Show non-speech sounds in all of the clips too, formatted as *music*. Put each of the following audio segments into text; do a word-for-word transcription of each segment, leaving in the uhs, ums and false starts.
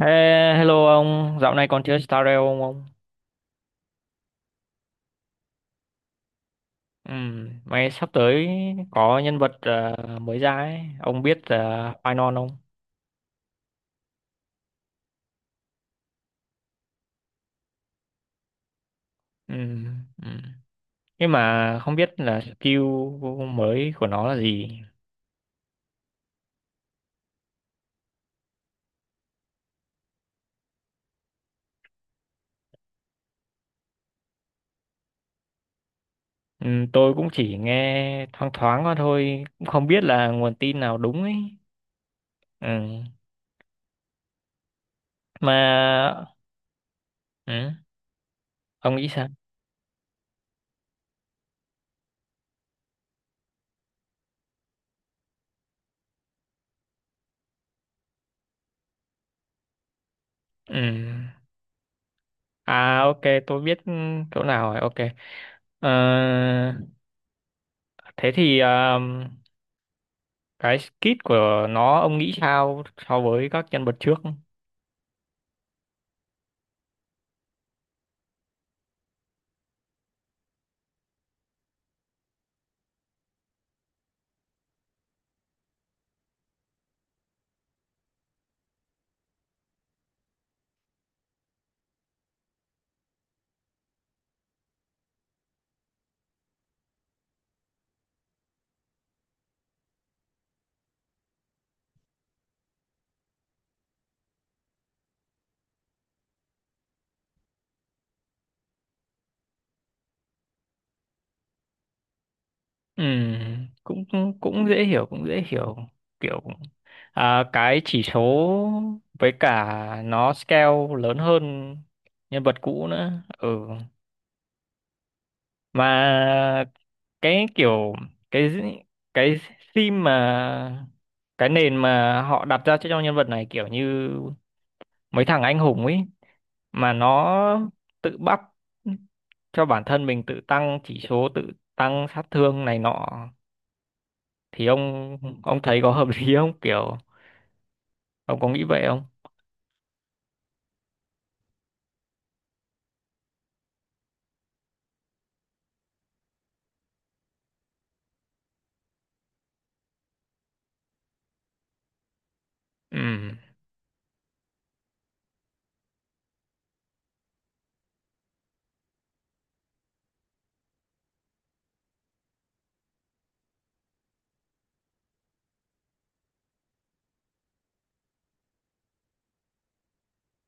Ê, hello ông, dạo này còn chơi Star Rail không ông? Ừ, mấy sắp tới có nhân vật ờ, mới ra ấy, ông biết uh, Phainon không? Ừ, ừ. Nhưng mà không biết là skill mới của nó là gì. Ừ, tôi cũng chỉ nghe thoáng thoáng qua thôi, cũng không biết là nguồn tin nào đúng ấy. Ừ. Mà ừ, ông nghĩ sao? Ừ. À ok, tôi biết chỗ nào rồi, ok. Ờ, thế thì... ờ, cái skit của nó ông nghĩ sao so với các nhân vật trước. Ừ, cũng cũng cũng dễ hiểu, cũng dễ hiểu kiểu à, cái chỉ số với cả nó scale lớn hơn nhân vật cũ nữa. Ừ, mà cái kiểu cái cái theme mà cái nền mà họ đặt ra cho nhân vật này kiểu như mấy thằng anh hùng ấy, mà nó tự bắt cho bản thân mình tự tăng chỉ số, tự tăng sát thương này nọ. Thì ông ông thấy có hợp *laughs* lý không, kiểu ông có nghĩ vậy không? Ừ,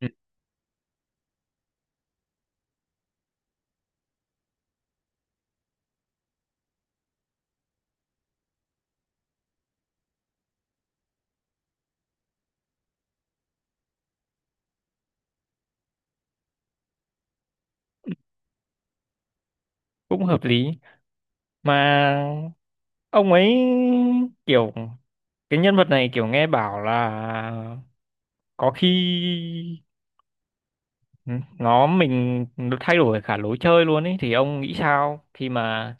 ừ, cũng hợp lý. Mà ông ấy kiểu cái nhân vật này kiểu nghe bảo là có khi nó mình nó thay đổi cả lối chơi luôn ấy, thì ông nghĩ sao khi mà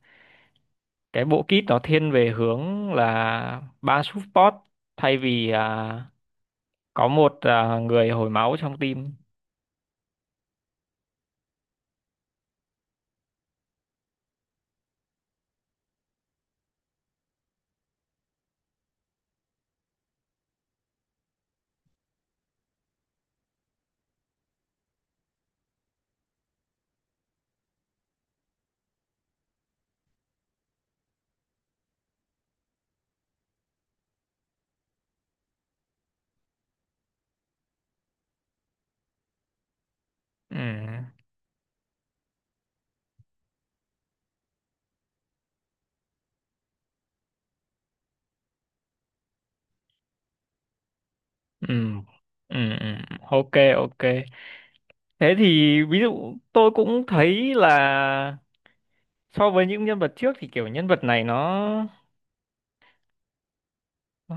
cái bộ kit nó thiên về hướng là ba support thay vì à, có một à, người hồi máu trong team? Ừ. Ừ. Ừ. ừ. Ok, ok, thế thì ví dụ tôi cũng thấy là so với những nhân vật trước thì kiểu nhân vật này nó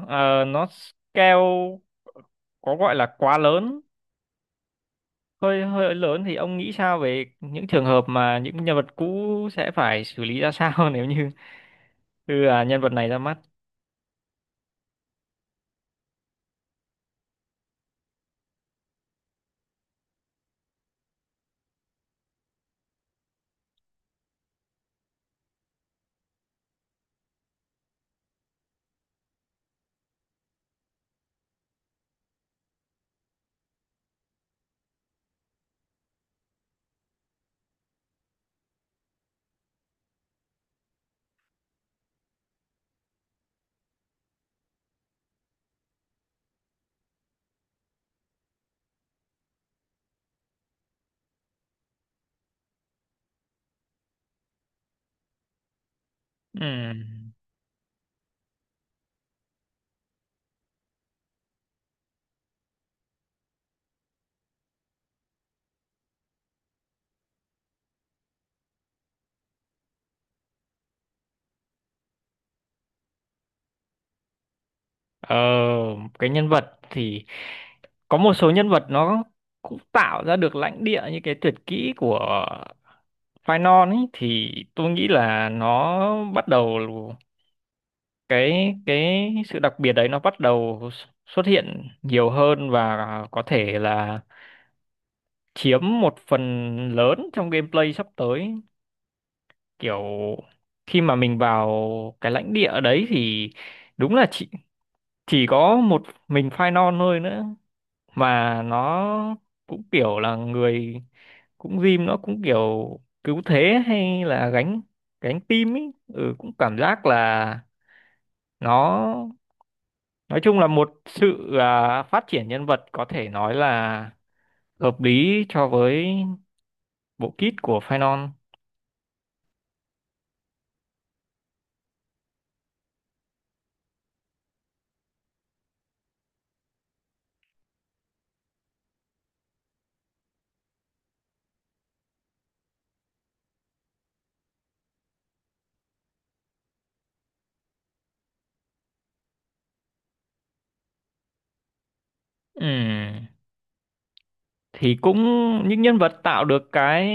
ờ, nó scale có gọi là quá lớn, hơi hơi lớn. Thì ông nghĩ sao về những trường hợp mà những nhân vật cũ sẽ phải xử lý ra sao *laughs* nếu như đưa à, nhân vật này ra mắt? Ừm, ờ, cái nhân vật thì có một số nhân vật nó cũng tạo ra được lãnh địa như cái tuyệt kỹ của Phainon ấy, thì tôi nghĩ là nó bắt đầu cái cái sự đặc biệt đấy, nó bắt đầu xuất hiện nhiều hơn và có thể là chiếm một phần lớn trong gameplay sắp tới. Kiểu khi mà mình vào cái lãnh địa đấy thì đúng là chỉ chỉ có một mình Phainon thôi nữa, mà nó cũng kiểu là người, cũng Jim nó cũng kiểu cứu thế hay là gánh gánh team ấy. Ừ, cũng cảm giác là nó nói chung là một sự à, phát triển nhân vật có thể nói là hợp lý cho với bộ kit của Phainon. Ừ, thì cũng những nhân vật tạo được cái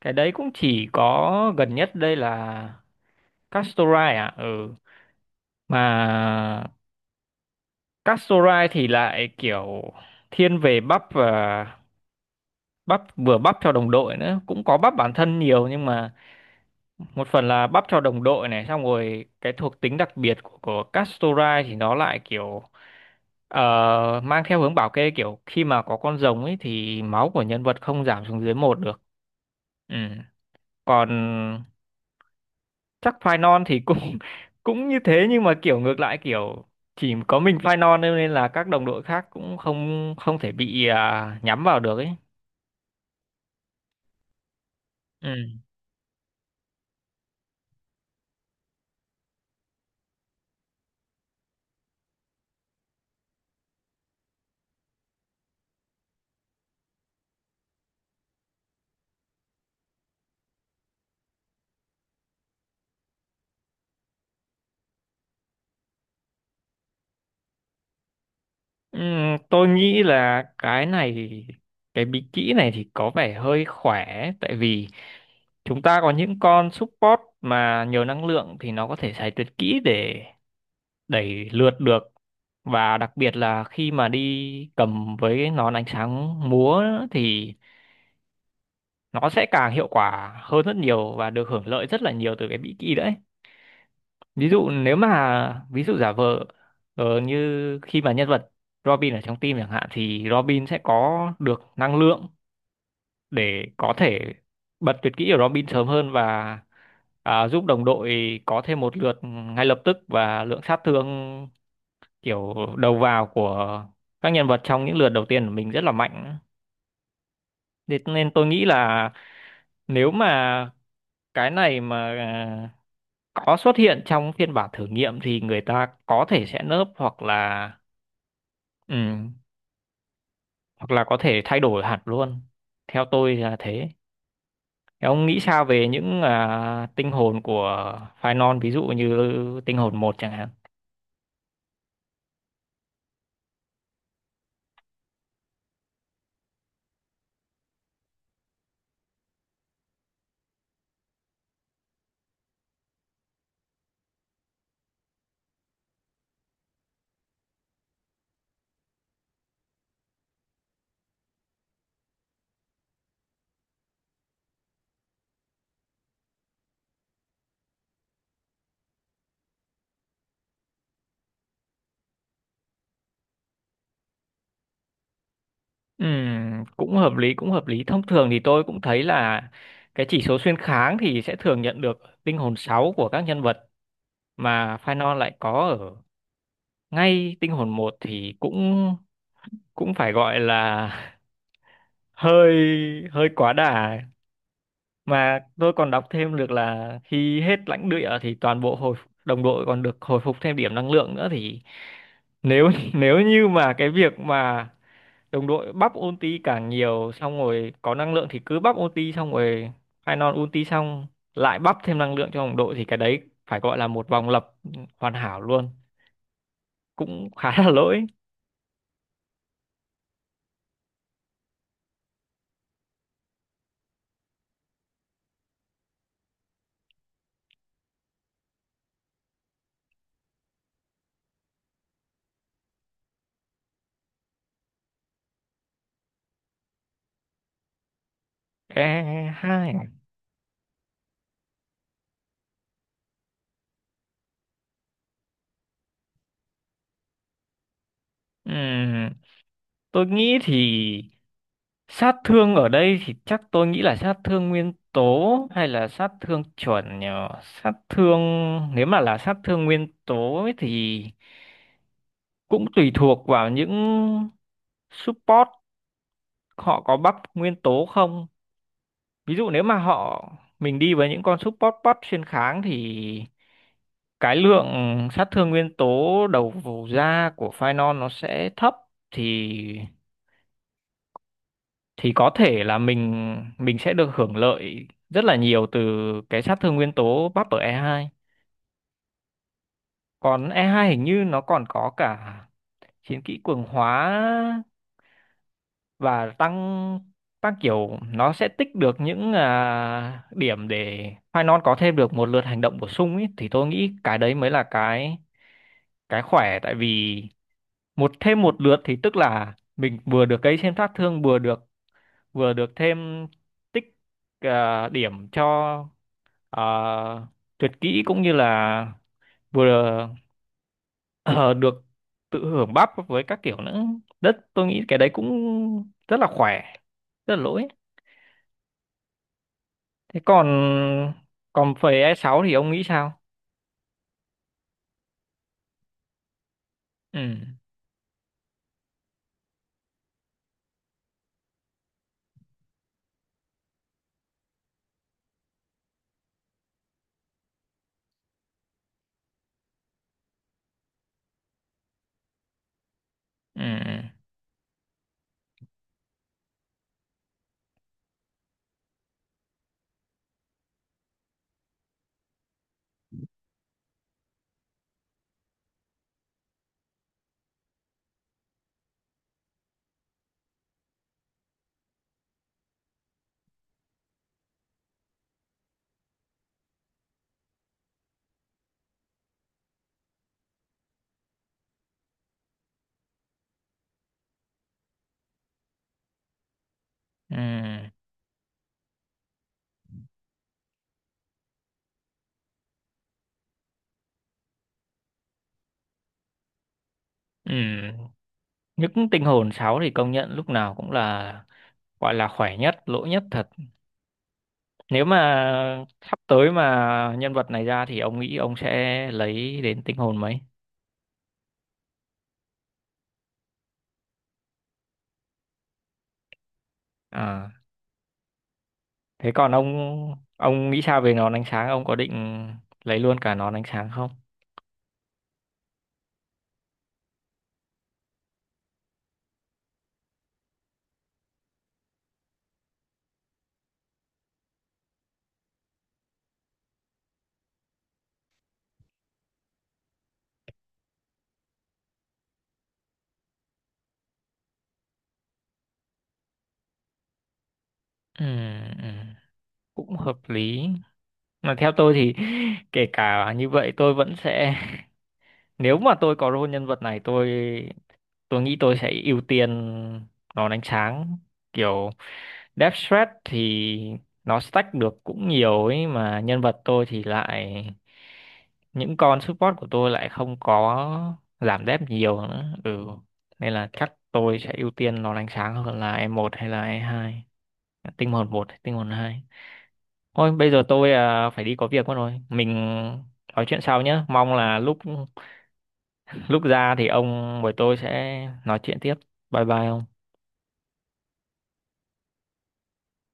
cái đấy cũng chỉ có gần nhất đây là Castorai à. Ừ, mà Castorai thì lại kiểu thiên về bắp, và bắp vừa bắp cho đồng đội nữa, cũng có bắp bản thân nhiều, nhưng mà một phần là bắp cho đồng đội này. Xong rồi cái thuộc tính đặc biệt của, của Castorai thì nó lại kiểu ờ, mang theo hướng bảo kê, kiểu khi mà có con rồng ấy thì máu của nhân vật không giảm xuống dưới một được. Ừ, còn chắc phai non thì cũng *laughs* cũng như thế, nhưng mà kiểu ngược lại, kiểu chỉ có mình phai non thôi, nên là các đồng đội khác cũng không không thể bị à, nhắm vào được ấy. Ừ. Ừ, tôi nghĩ là cái này cái bí kỹ này thì có vẻ hơi khỏe, tại vì chúng ta có những con support mà nhiều năng lượng thì nó có thể xài tuyệt kỹ để đẩy lượt được. Và đặc biệt là khi mà đi cầm với nón ánh sáng múa thì nó sẽ càng hiệu quả hơn rất nhiều, và được hưởng lợi rất là nhiều từ cái Mỹ Ki đấy. Ví dụ nếu mà ví dụ giả vờ ờ, như khi mà nhân vật Robin ở trong team chẳng hạn, thì Robin sẽ có được năng lượng để có thể bật tuyệt kỹ của Robin sớm hơn và à, giúp đồng đội có thêm một lượt ngay lập tức, và lượng sát thương kiểu đầu vào của các nhân vật trong những lượt đầu tiên của mình rất là mạnh. Thế nên tôi nghĩ là nếu mà cái này mà à, có xuất hiện trong phiên bản thử nghiệm thì người ta có thể sẽ nớp, hoặc là ừ, hoặc là có thể thay đổi hẳn luôn. Theo tôi là thế. Thế ông nghĩ sao về những à, tinh hồn của Phainon, ví dụ như tinh hồn một chẳng hạn? Ừm, cũng hợp lý, cũng hợp lý. Thông thường thì tôi cũng thấy là cái chỉ số xuyên kháng thì sẽ thường nhận được tinh hồn sáu của các nhân vật, mà Phainon lại có ngay tinh hồn một, thì cũng cũng phải gọi là *laughs* hơi hơi quá đà. Mà tôi còn đọc thêm được là khi hết lãnh địa thì toàn bộ hồi đồng đội còn được hồi phục thêm điểm năng lượng nữa, thì nếu *laughs* nếu như mà cái việc mà đồng đội bắp ulti càng nhiều, xong rồi có năng lượng thì cứ bắp ulti xong rồi final ulti xong lại bắp thêm năng lượng cho đồng đội, thì cái đấy phải gọi là một vòng lập hoàn hảo luôn, cũng khá là lỗi. E hai: ừm, tôi nghĩ thì sát thương ở đây thì chắc tôi nghĩ là sát thương nguyên tố hay là sát thương chuẩn nhờ. Sát thương, nếu mà là sát thương nguyên tố ấy thì cũng tùy thuộc vào những support họ có buff nguyên tố không. Ví dụ nếu mà họ mình đi với những con support buff xuyên kháng thì cái lượng sát thương nguyên tố đầu vào ra của Phainon nó sẽ thấp, thì thì có thể là mình mình sẽ được hưởng lợi rất là nhiều từ cái sát thương nguyên tố bắp ở e hai. Còn e hai hình như nó còn có cả chiến kỹ cường hóa và tăng tăng kiểu nó sẽ tích được những à, điểm để Phainon có thêm được một lượt hành động bổ sung ấy, thì tôi nghĩ cái đấy mới là cái cái khỏe. Tại vì một thêm một lượt thì tức là mình vừa được gây thêm sát thương, vừa được vừa được thêm tích à, điểm cho à, tuyệt kỹ, cũng như là vừa ờ, được tự hưởng bắp với các kiểu nữa. Đất tôi nghĩ cái đấy cũng rất là khỏe, rất là lỗi. Thế còn còn phẩy e sáu thì ông nghĩ sao? Ừ ừ ừ ừ Những tinh hồn sáu thì công nhận lúc nào cũng là gọi là khỏe nhất, lỗi nhất thật. Nếu mà sắp tới mà nhân vật này ra thì ông nghĩ ông sẽ lấy đến tinh hồn mấy? À, thế còn ông ông nghĩ sao về nón ánh sáng? Ông có định lấy luôn cả nón ánh sáng không? Ừ, ừ, cũng hợp lý. Mà theo tôi thì *laughs* kể cả như vậy tôi vẫn sẽ, *laughs* nếu mà tôi có role nhân vật này, tôi tôi nghĩ tôi sẽ ưu tiên nó đánh sáng. Kiểu Death Threat thì nó stack được cũng nhiều ấy, mà nhân vật tôi thì lại những con support của tôi lại không có giảm dev nhiều nữa. Ừ, nên là chắc tôi sẽ ưu tiên nó đánh sáng hơn là e một hay là e hai, tinh hồn một hay tinh hồn hai. Thôi bây giờ tôi à, phải đi có việc mất rồi, mình nói chuyện sau nhé. Mong là lúc lúc ra thì ông với tôi sẽ nói chuyện tiếp. Bye bye ông.